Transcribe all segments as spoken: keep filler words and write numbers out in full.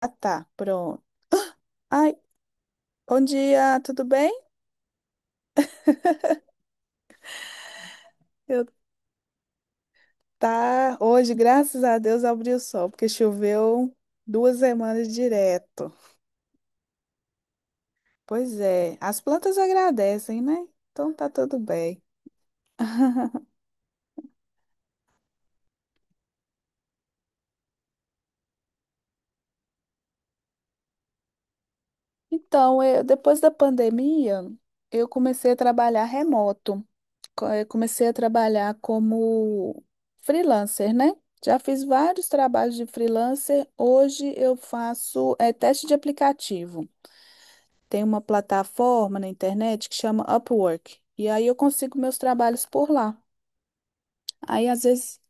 Ah, tá, pronto. Ai, bom dia, tudo bem? Eu Tá hoje, graças a Deus, abriu o sol, porque choveu duas semanas direto. Pois é, as plantas agradecem, né? Então tá tudo bem. Então, eu- depois da pandemia, eu comecei a trabalhar remoto. Co- eh, Comecei a trabalhar como freelancer, né? Já fiz vários trabalhos de freelancer. Hoje eu faço eh, teste de aplicativo. Tem uma plataforma na internet que chama Upwork. E aí eu consigo meus trabalhos por lá. Aí às vezes,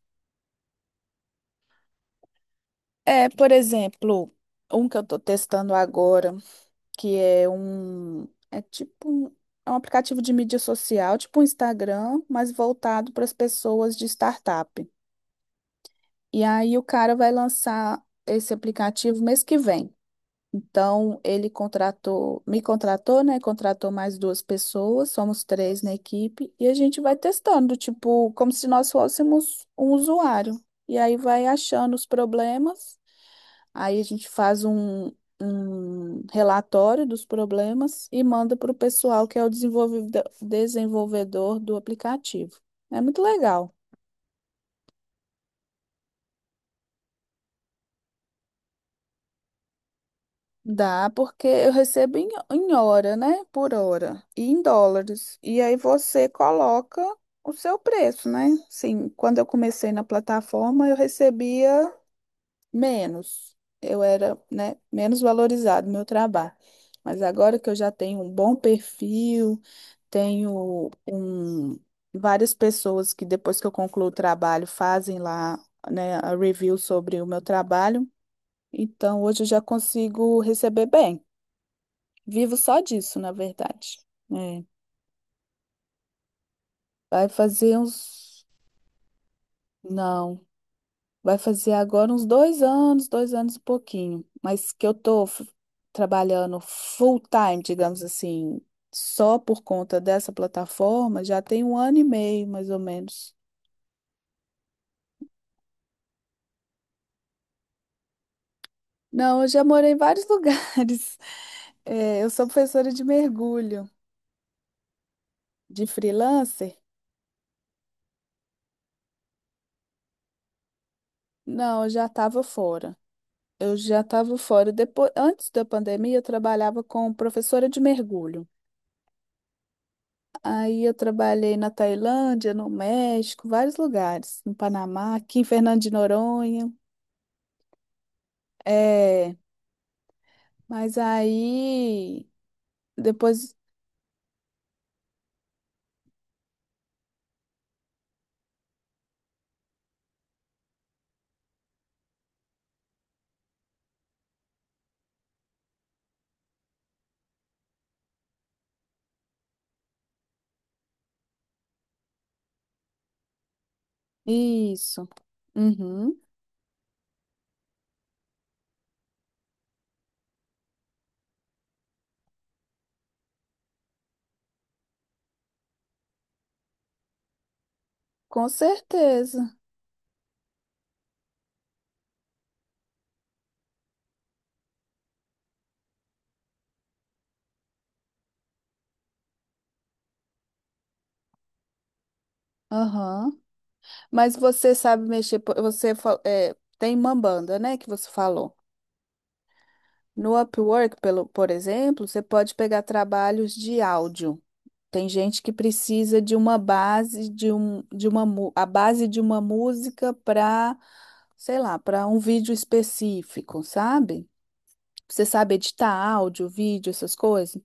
é, por exemplo, um que eu tô testando agora, que é um, é tipo um, é um aplicativo de mídia social, tipo um Instagram, mas voltado para as pessoas de startup. E aí o cara vai lançar esse aplicativo mês que vem. Então, ele contratou, me contratou, né? Contratou mais duas pessoas, somos três na equipe, e a gente vai testando, tipo, como se nós fôssemos um usuário. E aí vai achando os problemas, aí a gente faz um, um relatório dos problemas e manda para o pessoal que é o desenvolvida- desenvolvedor do aplicativo. É muito legal. Dá, porque eu recebo em, em hora, né? Por hora. E em dólares. E aí você coloca o seu preço, né? Sim, quando eu comecei na plataforma, eu recebia menos. Eu era, né, menos valorizado no meu trabalho. Mas agora que eu já tenho um bom perfil, tenho um, várias pessoas que depois que eu concluo o trabalho fazem lá, né, a review sobre o meu trabalho. Então hoje eu já consigo receber bem. Vivo só disso, na verdade. É. Vai fazer uns. Não, vai fazer agora uns dois anos, dois anos e pouquinho. Mas que eu tô f- trabalhando full time, digamos assim, só por conta dessa plataforma, já tem um ano e meio, mais ou menos. Não, eu já morei em vários lugares. É, eu sou professora de mergulho, de freelancer. Não, eu já estava fora. Eu já estava fora. Depois, antes da pandemia, eu trabalhava como professora de mergulho. Aí eu trabalhei na Tailândia, no México, vários lugares, no Panamá, aqui em Fernando de Noronha. É, mas aí depois isso. Uhum. Com certeza. Aham. Mas você sabe mexer, po- você fa- é, tem Mambanda, né, que você falou. No Upwork, pelo, por exemplo, você pode pegar trabalhos de áudio. Tem gente que precisa de uma base de um de uma mu- a base de uma música para, sei lá, para um vídeo específico, sabe? Você sabe editar áudio, vídeo, essas coisas?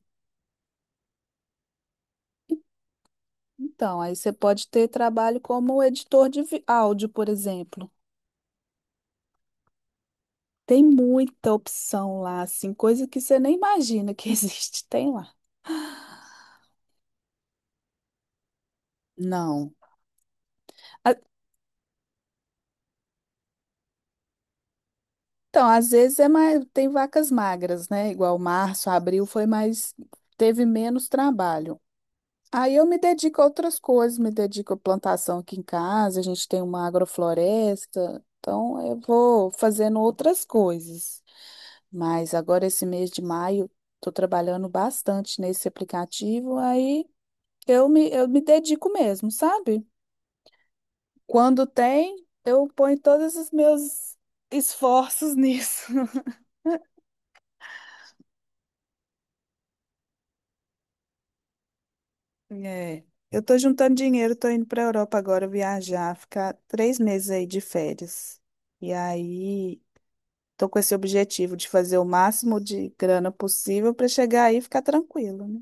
Então, aí você pode ter trabalho como editor de vi- áudio, por exemplo. Tem muita opção lá, assim, coisa que você nem imagina que existe, tem lá. Não. A- Então, às vezes é mais, tem vacas magras, né? Igual março, abril foi mais, teve menos trabalho. Aí eu me dedico a outras coisas, me dedico à plantação aqui em casa, a gente tem uma agrofloresta, então eu vou fazendo outras coisas. Mas agora esse mês de maio, estou trabalhando bastante nesse aplicativo, aí eu me, eu me dedico mesmo, sabe? Quando tem, eu ponho todos os meus esforços nisso. É. Eu tô juntando dinheiro, tô indo para Europa agora viajar, ficar três meses aí de férias. E aí estou com esse objetivo de fazer o máximo de grana possível para chegar aí e ficar tranquilo, né?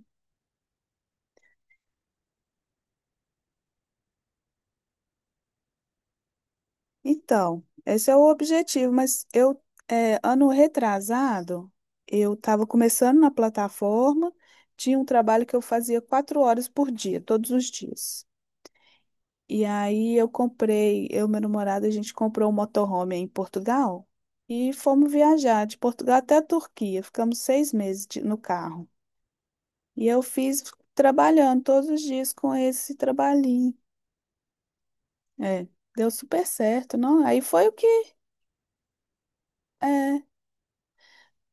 Então, esse é o objetivo, mas eu, é, ano retrasado, eu estava começando na plataforma, tinha um trabalho que eu fazia quatro horas por dia, todos os dias. E aí eu comprei, eu e meu namorado, a gente comprou um motorhome aí em Portugal e fomos viajar de Portugal até a Turquia, ficamos seis meses de- no carro. E eu fiz trabalhando todos os dias com esse trabalhinho. É, deu super certo, não? Aí foi o que é,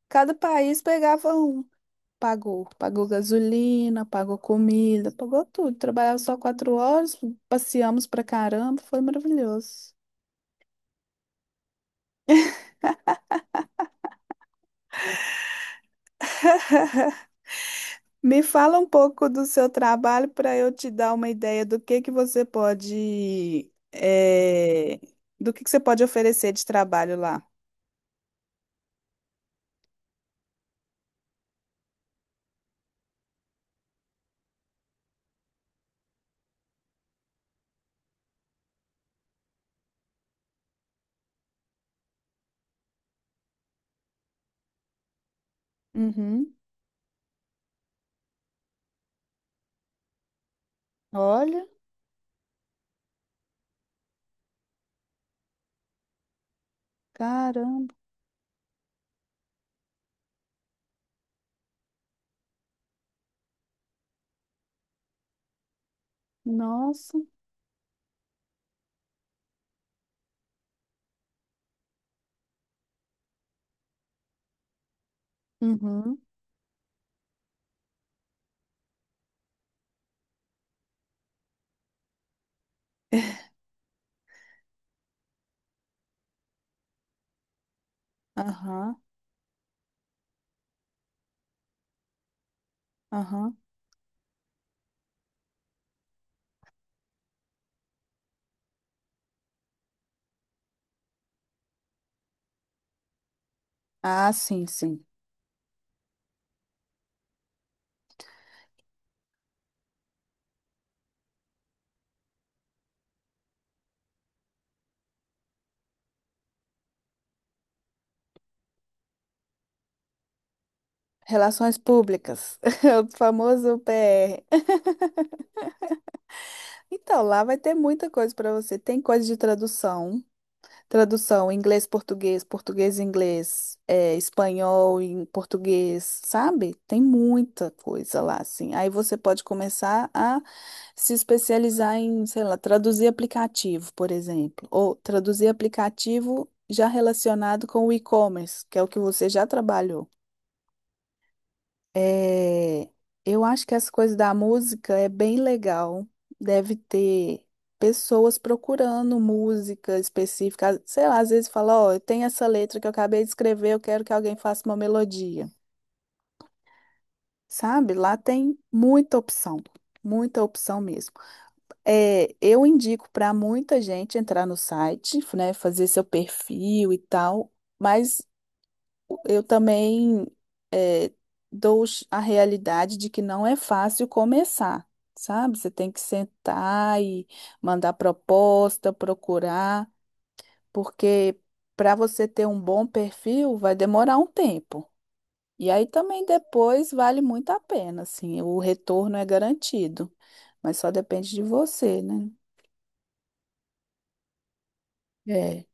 cada país pegava um. Pagou, pagou gasolina, pagou comida, pagou tudo. Trabalhava só quatro horas, passeamos pra caramba, foi maravilhoso. Me fala um pouco do seu trabalho para eu te dar uma ideia do que que você pode, eh, do que que você pode oferecer de trabalho lá. Uhum. Olha, caramba, nossa. Uhum. Aham, aham. Ah, sim, sim. Relações públicas, o famoso P R. Então, lá vai ter muita coisa para você. Tem coisa de tradução, tradução inglês, português, português, inglês, é, espanhol em português, sabe? Tem muita coisa lá, assim. Aí você pode começar a se especializar em, sei lá, traduzir aplicativo, por exemplo, ou traduzir aplicativo já relacionado com o e-commerce, que é o que você já trabalhou. É, eu acho que as coisas da música é bem legal. Deve ter pessoas procurando música específica. Sei lá, às vezes fala, ó, eu tenho essa letra que eu acabei de escrever, eu quero que alguém faça uma melodia. Sabe? Lá tem muita opção, muita opção mesmo. É, eu indico para muita gente entrar no site, né, fazer seu perfil e tal, mas eu também é, dou os- a realidade de que não é fácil começar, sabe? Você tem que sentar e mandar proposta, procurar, porque para você ter um bom perfil vai demorar um tempo. E aí também depois vale muito a pena, assim, o retorno é garantido, mas só depende de você, né? É,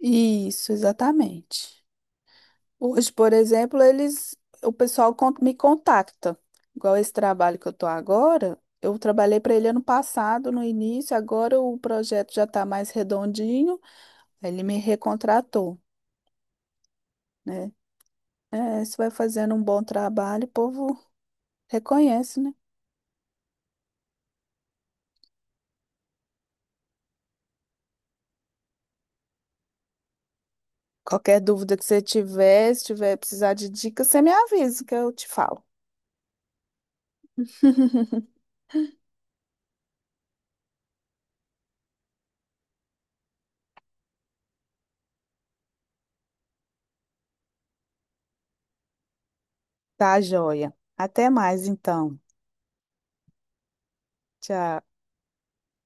isso, exatamente. Hoje, por exemplo, eles, o pessoal con- me contacta. Igual esse trabalho que eu estou agora, eu trabalhei para ele ano passado, no início, agora o projeto já está mais redondinho, aí ele me recontratou, né? É, você vai fazendo um bom trabalho, o povo reconhece, né? Qualquer dúvida que você tiver, se tiver precisar de dica, você me avisa que eu te falo. Tá, joia. Até mais, então. Tchau.